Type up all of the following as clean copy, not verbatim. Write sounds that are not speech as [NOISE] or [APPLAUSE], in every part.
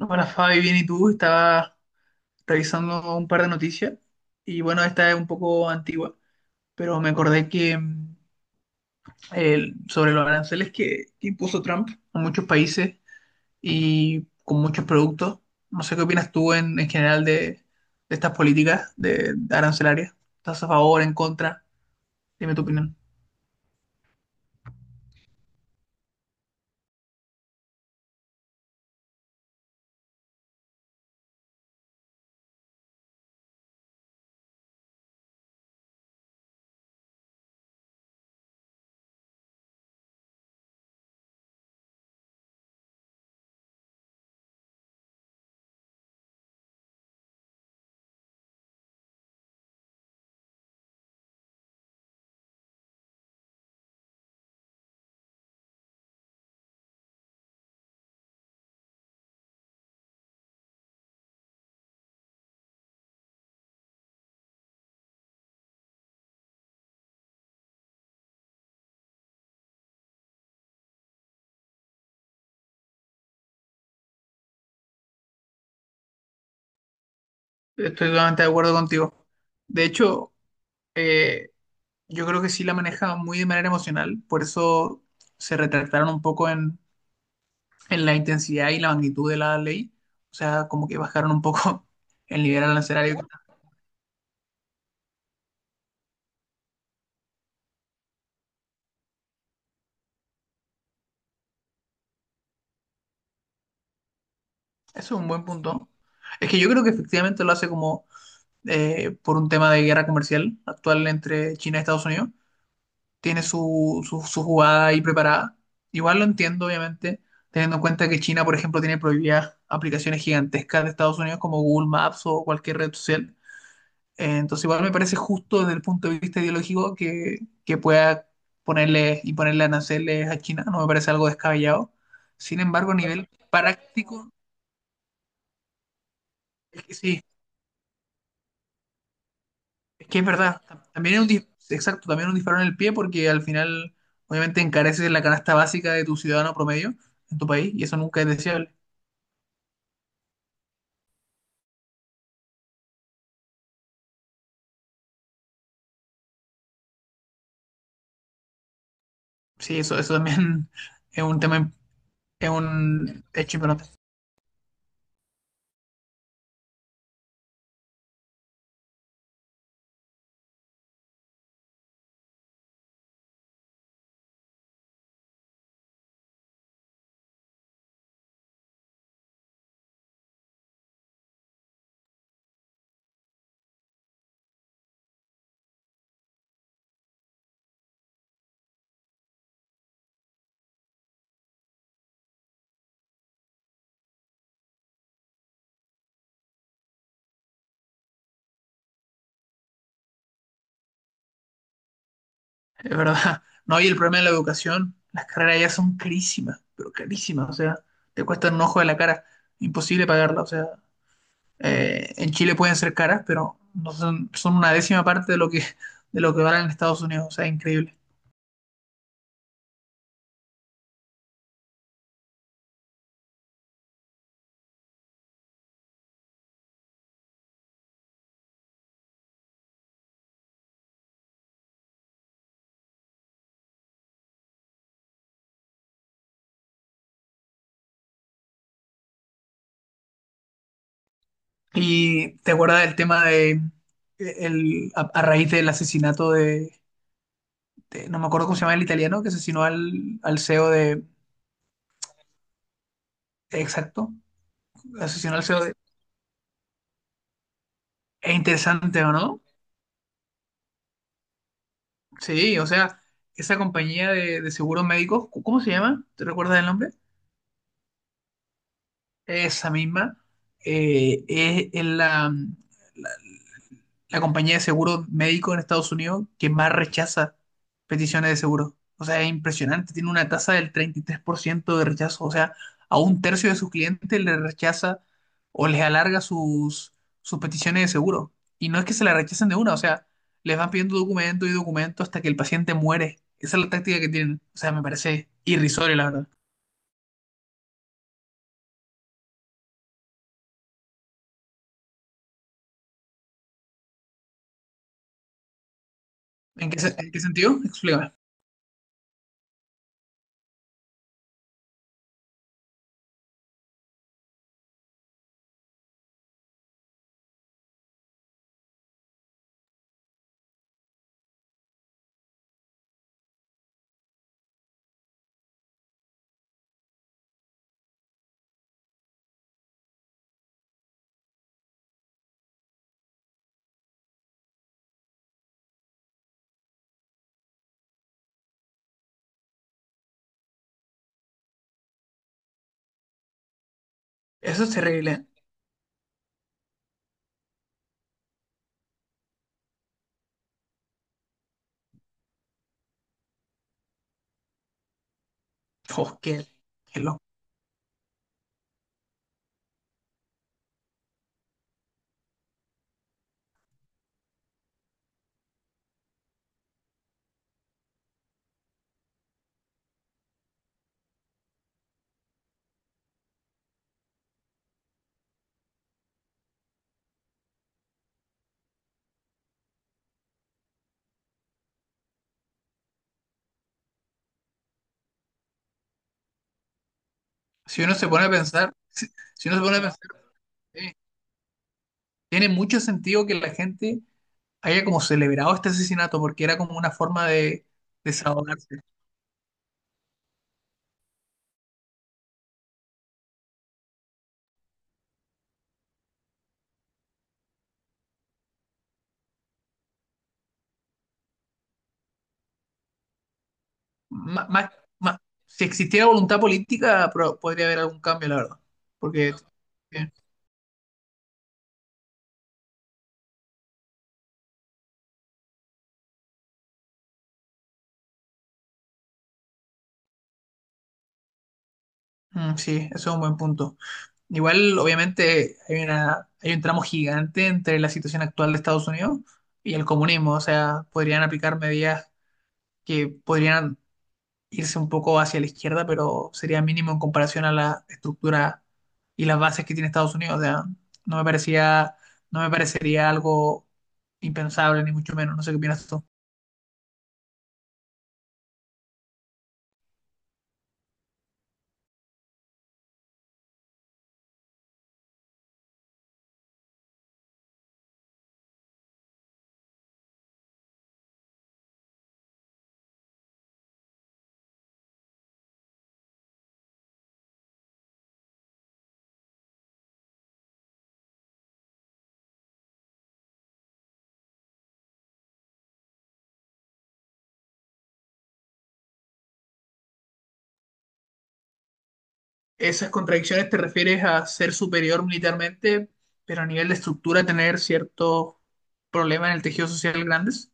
Hola Fabi, bien, ¿y tú? Estaba revisando un par de noticias y bueno, esta es un poco antigua, pero me acordé que sobre los aranceles que impuso Trump a muchos países y con muchos productos. No sé qué opinas tú en general de estas políticas de arancelarias. ¿Estás a favor, en contra? Dime tu opinión. Estoy totalmente de acuerdo contigo. De hecho, eh, yo creo que sí la maneja muy de manera emocional, por eso se retractaron un poco en la intensidad y la magnitud de la ley. O sea, como que bajaron un poco [LAUGHS] el nivel arancelario. Eso es un buen punto. Es que yo creo que efectivamente lo hace como por un tema de guerra comercial actual entre China y Estados Unidos. Tiene su jugada ahí preparada. Igual lo entiendo, obviamente, teniendo en cuenta que China, por ejemplo, tiene prohibidas aplicaciones gigantescas de Estados Unidos como Google Maps o cualquier red social. Entonces igual me parece justo desde el punto de vista ideológico que pueda ponerle y ponerle aranceles a China, no me parece algo descabellado. Sin embargo, a nivel práctico, es que sí, es que es verdad. También es un, exacto, también es un disparo en el pie porque al final obviamente encareces la canasta básica de tu ciudadano promedio en tu país y eso nunca es deseable. Sí, eso también [LAUGHS] es un tema, es un hecho importante. Es verdad. [LAUGHS] No, y el problema de la educación, las carreras ya son carísimas, pero carísimas, o sea, te cuestan un ojo de la cara, imposible pagarla, o sea, en Chile pueden ser caras, pero no son, son una décima parte de lo que, [LAUGHS] de lo que valen en Estados Unidos, o sea, increíble. Y te acuerdas del tema de, a raíz del asesinato de, no me acuerdo cómo se llama el italiano, que asesinó al CEO de, exacto, asesinó al CEO de, es interesante, ¿o no? Sí, o sea, esa compañía de seguros médicos, ¿cómo se llama? ¿Te recuerdas el nombre? Esa misma, es la, la- la compañía de seguro médico en Estados Unidos que más rechaza peticiones de seguro. O sea, es impresionante, tiene una tasa del 33% de rechazo. O sea, a un tercio de sus clientes le rechaza o les alarga sus, sus peticiones de seguro. Y no es que se la rechacen de una, o sea, les van pidiendo documento y documento hasta que el paciente muere. Esa es la táctica que tienen. O sea, me parece irrisorio, la verdad. ¿En qué, en qué sentido? Explícame. Eso es terrible. Oh, qué, qué loco. Si uno se pone a pensar, si, si uno se pone a pensar, sí, tiene mucho sentido que la gente haya como celebrado este asesinato porque era como una forma de desahogarse. Ma- más- más- si existiera voluntad política, podría haber algún cambio, la verdad. Porque eh, sí, eso es un buen punto. Igual, obviamente, hay una, hay un tramo gigante entre la situación actual de Estados Unidos y el comunismo. O sea, podrían aplicar medidas que podrían irse un poco hacia la izquierda, pero sería mínimo en comparación a la estructura y las bases que tiene Estados Unidos. O sea, no me parecía, no me parecería algo impensable, ni mucho menos. No sé qué opinas tú. ¿Esas contradicciones te refieres a ser superior militarmente, pero a nivel de estructura tener cierto problema en el tejido social grandes?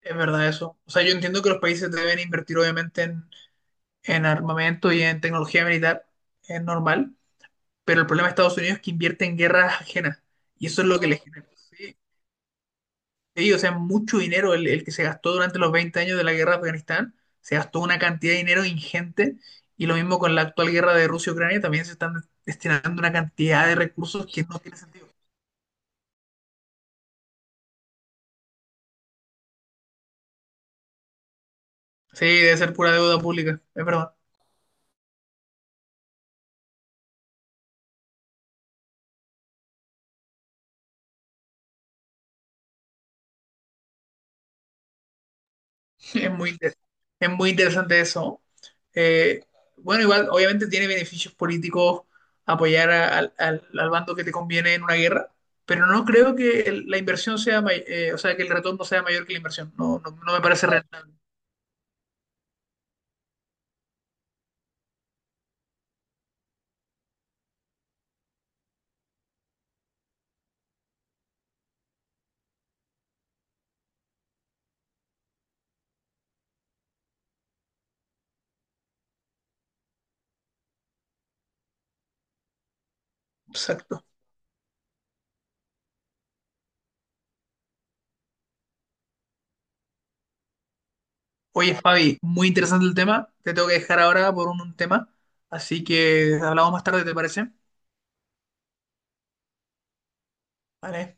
Es verdad eso. O sea, yo entiendo que los países deben invertir obviamente en armamento y en tecnología militar, es normal, pero el problema de Estados Unidos es que invierte en guerras ajenas y eso es lo que le Mm, genera. Sí, sí, o sea, mucho dinero el que se gastó durante los 20 años de la guerra de Afganistán, se gastó una cantidad de dinero ingente y lo mismo con la actual guerra de Rusia-Ucrania, también se están destinando una cantidad de recursos que no tiene sentido. Sí, debe ser pura deuda pública, es verdad. Es muy, es muy interesante eso. Eh, bueno, igual, obviamente tiene beneficios políticos apoyar al bando que te conviene en una guerra, pero no creo que la inversión sea, o sea, que el retorno sea mayor que la inversión. No, no, no me parece rentable. Exacto. Oye, Fabi, muy interesante el tema. Te tengo que dejar ahora por un tema, así que hablamos más tarde, ¿te parece? Vale.